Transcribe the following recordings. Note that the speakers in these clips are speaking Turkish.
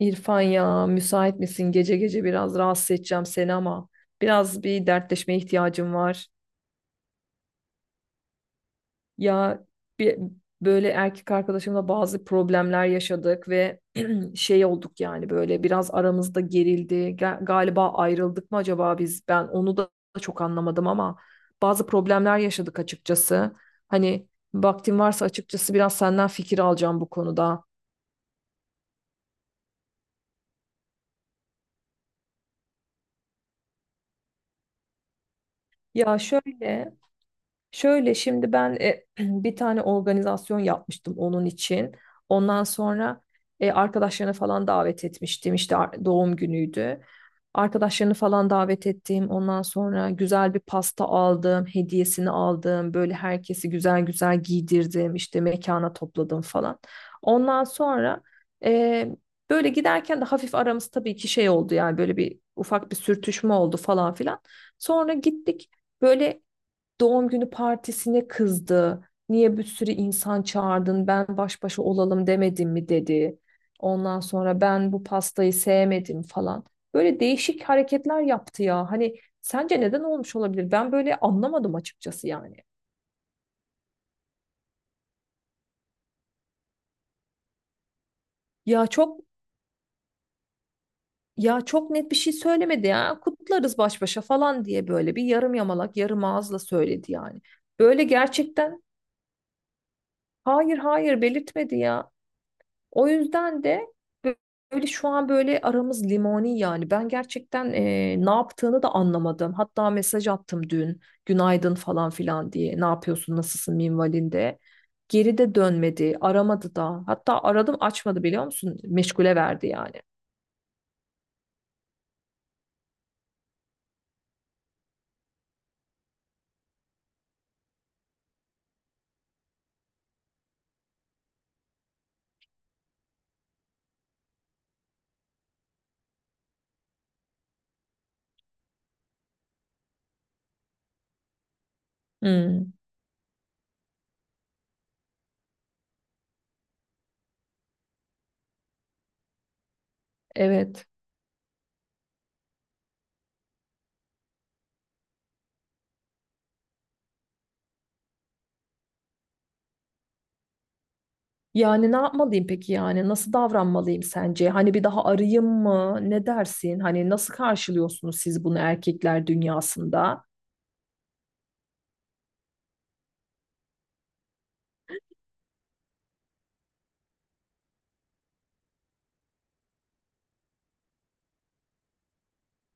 İrfan, ya müsait misin? Gece gece biraz rahatsız edeceğim seni ama biraz bir dertleşmeye ihtiyacım var. Ya bir, böyle erkek arkadaşımla bazı problemler yaşadık ve şey olduk yani böyle biraz aramızda gerildi. Galiba ayrıldık mı acaba biz? Ben onu da çok anlamadım ama bazı problemler yaşadık açıkçası. Hani vaktin varsa açıkçası biraz senden fikir alacağım bu konuda. Ya şöyle Şöyle şimdi ben bir tane organizasyon yapmıştım onun için. Ondan sonra arkadaşlarını falan davet etmiştim. İşte doğum günüydü. Arkadaşlarını falan davet ettim. Ondan sonra güzel bir pasta aldım, hediyesini aldım. Böyle herkesi güzel güzel giydirdim. İşte mekana topladım falan. Ondan sonra e, böyle giderken de hafif aramız tabii ki şey oldu yani böyle bir ufak bir sürtüşme oldu falan filan. Sonra gittik böyle doğum günü partisine kızdı. Niye bir sürü insan çağırdın? Ben baş başa olalım demedim mi dedi. Ondan sonra ben bu pastayı sevmedim falan. Böyle değişik hareketler yaptı ya. Hani sence neden olmuş olabilir? Ben böyle anlamadım açıkçası yani. Ya çok ya çok net bir şey söylemedi ya. Kutlarız baş başa falan diye böyle bir yarım yamalak, yarım ağızla söyledi yani. Böyle gerçekten hayır hayır belirtmedi ya. O yüzden de böyle şu an böyle aramız limoni yani. Ben gerçekten ne yaptığını da anlamadım. Hatta mesaj attım dün. Günaydın falan filan diye. Ne yapıyorsun, nasılsın minvalinde. Geri de dönmedi, aramadı da. Hatta aradım açmadı biliyor musun? Meşgule verdi yani. Hmm, evet. Yani ne yapmalıyım peki yani? Nasıl davranmalıyım sence? Hani bir daha arayayım mı? Ne dersin? Hani nasıl karşılıyorsunuz siz bunu erkekler dünyasında?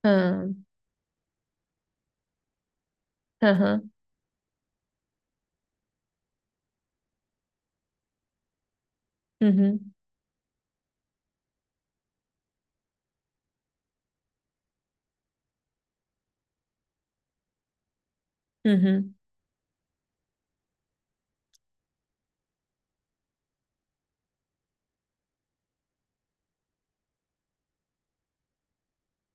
Hı hı, hı hı, hı. Hı hı.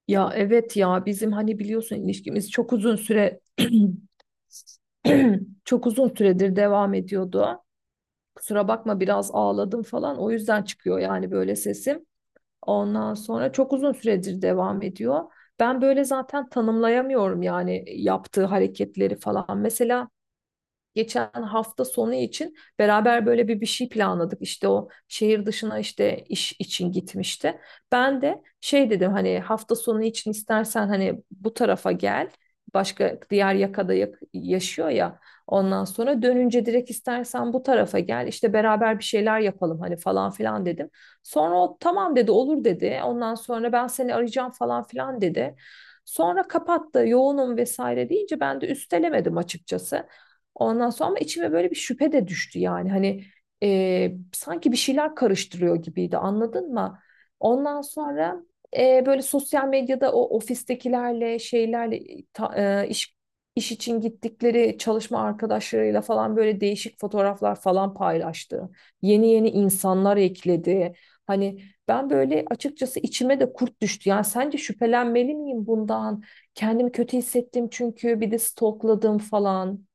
Ya evet, ya bizim hani biliyorsun ilişkimiz çok uzun süre çok uzun süredir devam ediyordu. Kusura bakma biraz ağladım falan, o yüzden çıkıyor yani böyle sesim. Ondan sonra çok uzun süredir devam ediyor. Ben böyle zaten tanımlayamıyorum yani yaptığı hareketleri falan. Mesela geçen hafta sonu için beraber böyle bir şey planladık. İşte o şehir dışına işte iş için gitmişti. Ben de şey dedim, hani hafta sonu için istersen hani bu tarafa gel. Başka diğer yakada yaşıyor ya. Ondan sonra dönünce direkt istersen bu tarafa gel. İşte beraber bir şeyler yapalım hani falan filan dedim. Sonra o tamam dedi, olur dedi. Ondan sonra ben seni arayacağım falan filan dedi. Sonra kapattı yoğunum vesaire deyince ben de üstelemedim açıkçası. Ondan sonra ama içime böyle bir şüphe de düştü yani hani sanki bir şeyler karıştırıyor gibiydi, anladın mı? Ondan sonra böyle sosyal medyada o ofistekilerle şeylerle ta- e, iş iş için gittikleri çalışma arkadaşlarıyla falan böyle değişik fotoğraflar falan paylaştı. Yeni yeni insanlar ekledi. Hani ben böyle açıkçası içime de kurt düştü. Yani sence şüphelenmeli miyim bundan? Kendimi kötü hissettim çünkü bir de stalkladım falan.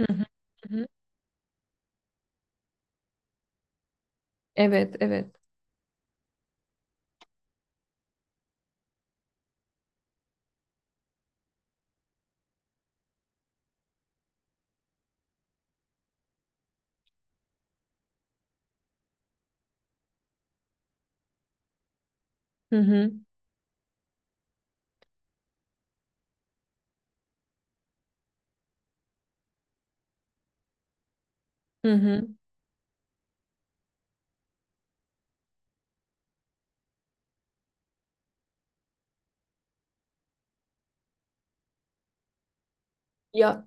Hı hı, hı hı. Evet, evet. Hı hı, hı hı. Ya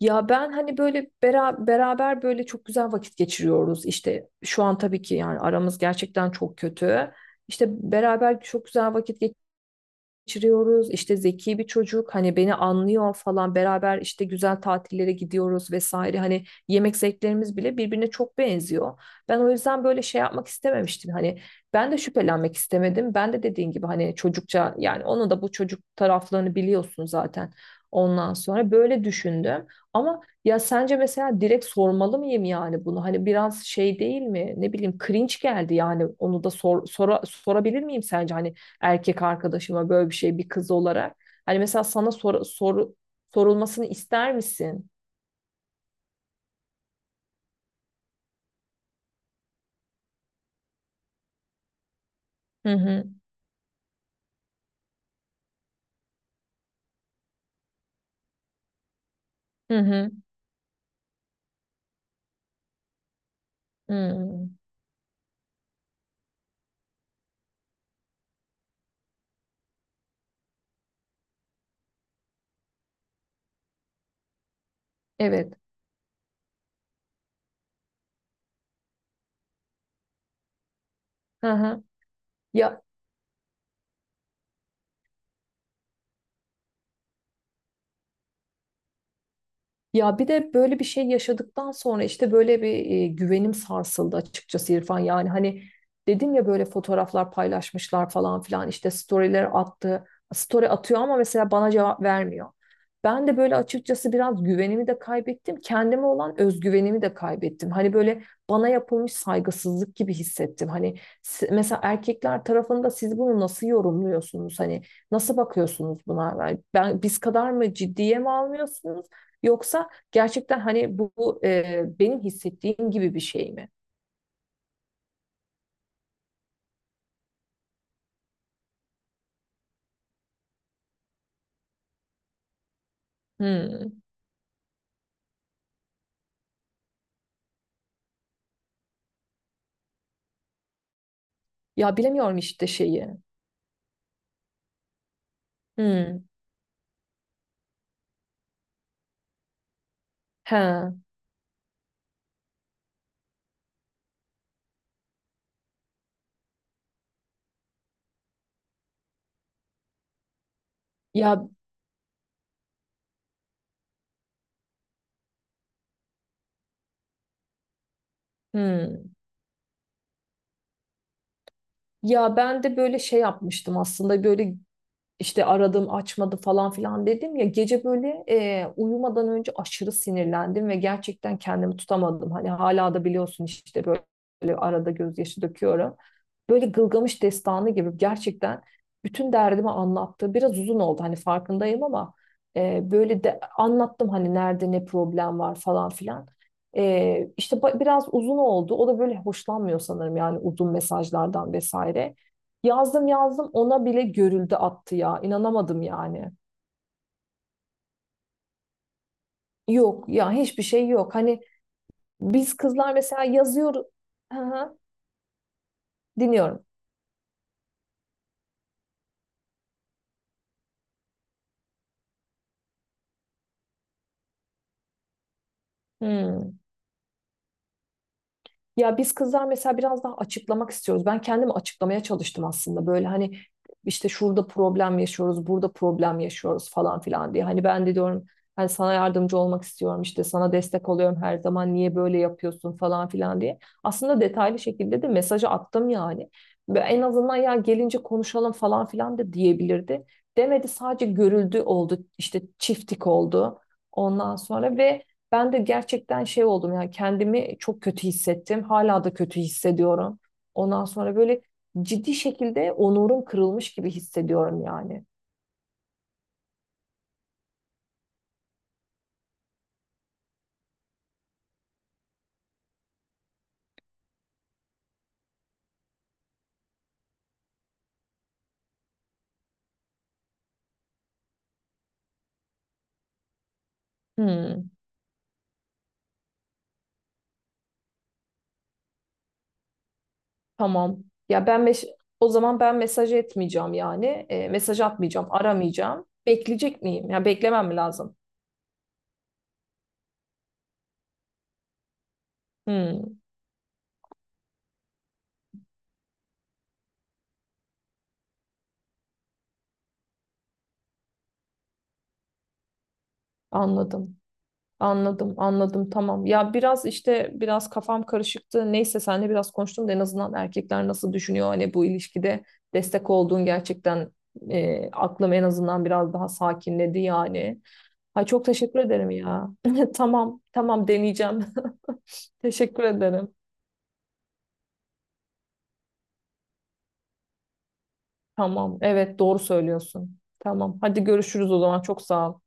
ya ben hani böyle beraber böyle çok güzel vakit geçiriyoruz. İşte şu an tabii ki yani aramız gerçekten çok kötü. İşte beraber çok güzel vakit geçiriyoruz. İşte zeki bir çocuk, hani beni anlıyor falan, beraber işte güzel tatillere gidiyoruz vesaire. Hani yemek zevklerimiz bile birbirine çok benziyor. Ben o yüzden böyle şey yapmak istememiştim. Hani ben de şüphelenmek istemedim. Ben de dediğin gibi hani çocukça yani, onu da, bu çocuk taraflarını biliyorsun zaten. Ondan sonra böyle düşündüm. Ama ya sence mesela direkt sormalı mıyım yani bunu? Hani biraz şey değil mi? Ne bileyim cringe geldi yani, onu da sorabilir miyim sence? Hani erkek arkadaşıma böyle bir şey, bir kız olarak. Hani mesela sana sorulmasını ister misin? Hı hı. Hı hı. Hı. Evet. Hı hı. Ya Ya bir de böyle bir şey yaşadıktan sonra işte böyle bir güvenim sarsıldı açıkçası İrfan. Yani hani dedim ya böyle fotoğraflar paylaşmışlar falan filan, işte storyler attı. Story atıyor ama mesela bana cevap vermiyor. Ben de böyle açıkçası biraz güvenimi de kaybettim. Kendime olan özgüvenimi de kaybettim. Hani böyle bana yapılmış saygısızlık gibi hissettim. Hani mesela erkekler tarafında siz bunu nasıl yorumluyorsunuz? Hani nasıl bakıyorsunuz buna? Yani ben biz kadar mı ciddiye mi almıyorsunuz? Yoksa gerçekten hani bu, benim hissettiğim gibi bir şey mi? Hmm. Ya bilemiyorum işte şeyi. Hmm. He. Ya hmm. Ya ben de böyle şey yapmıştım aslında, böyle İşte aradım açmadı falan filan dedim ya, gece böyle uyumadan önce aşırı sinirlendim ve gerçekten kendimi tutamadım. Hani hala da biliyorsun işte böyle arada gözyaşı döküyorum. Böyle Gılgamış Destanı gibi gerçekten bütün derdimi anlattı. Biraz uzun oldu, hani farkındayım ama böyle de anlattım hani nerede ne problem var falan filan. İşte biraz uzun oldu. O da böyle hoşlanmıyor sanırım yani uzun mesajlardan vesaire. Yazdım yazdım, ona bile görüldü attı ya. İnanamadım yani. Yok ya, hiçbir şey yok. Hani biz kızlar mesela yazıyoruz. Hı hı, dinliyorum. Hmm. Ya biz kızlar mesela biraz daha açıklamak istiyoruz. Ben kendimi açıklamaya çalıştım aslında. Böyle hani işte şurada problem yaşıyoruz, burada problem yaşıyoruz falan filan diye. Hani ben de diyorum hani sana yardımcı olmak istiyorum, işte sana destek oluyorum her zaman, niye böyle yapıyorsun falan filan diye. Aslında detaylı şekilde de mesajı attım yani. Ve en azından ya gelince konuşalım falan filan da diyebilirdi. Demedi, sadece görüldü oldu, işte çiftlik oldu ondan sonra ve ben de gerçekten şey oldum yani, kendimi çok kötü hissettim. Hala da kötü hissediyorum. Ondan sonra böyle ciddi şekilde onurum kırılmış gibi hissediyorum yani. Hmm, tamam. Ya ben mes- O zaman ben mesaj etmeyeceğim yani. Mesaj atmayacağım, aramayacağım. Bekleyecek miyim? Ya beklemem mi lazım? Hmm, anladım. Anladım, anladım. Tamam. Ya biraz işte biraz kafam karışıktı. Neyse seninle biraz konuştum da, en azından erkekler nasıl düşünüyor hani bu ilişkide destek olduğun, gerçekten aklım en azından biraz daha sakinledi yani. Ay çok teşekkür ederim ya. Tamam, tamam, deneyeceğim. Teşekkür ederim. Tamam. Evet, doğru söylüyorsun. Tamam. Hadi görüşürüz o zaman. Çok sağ ol.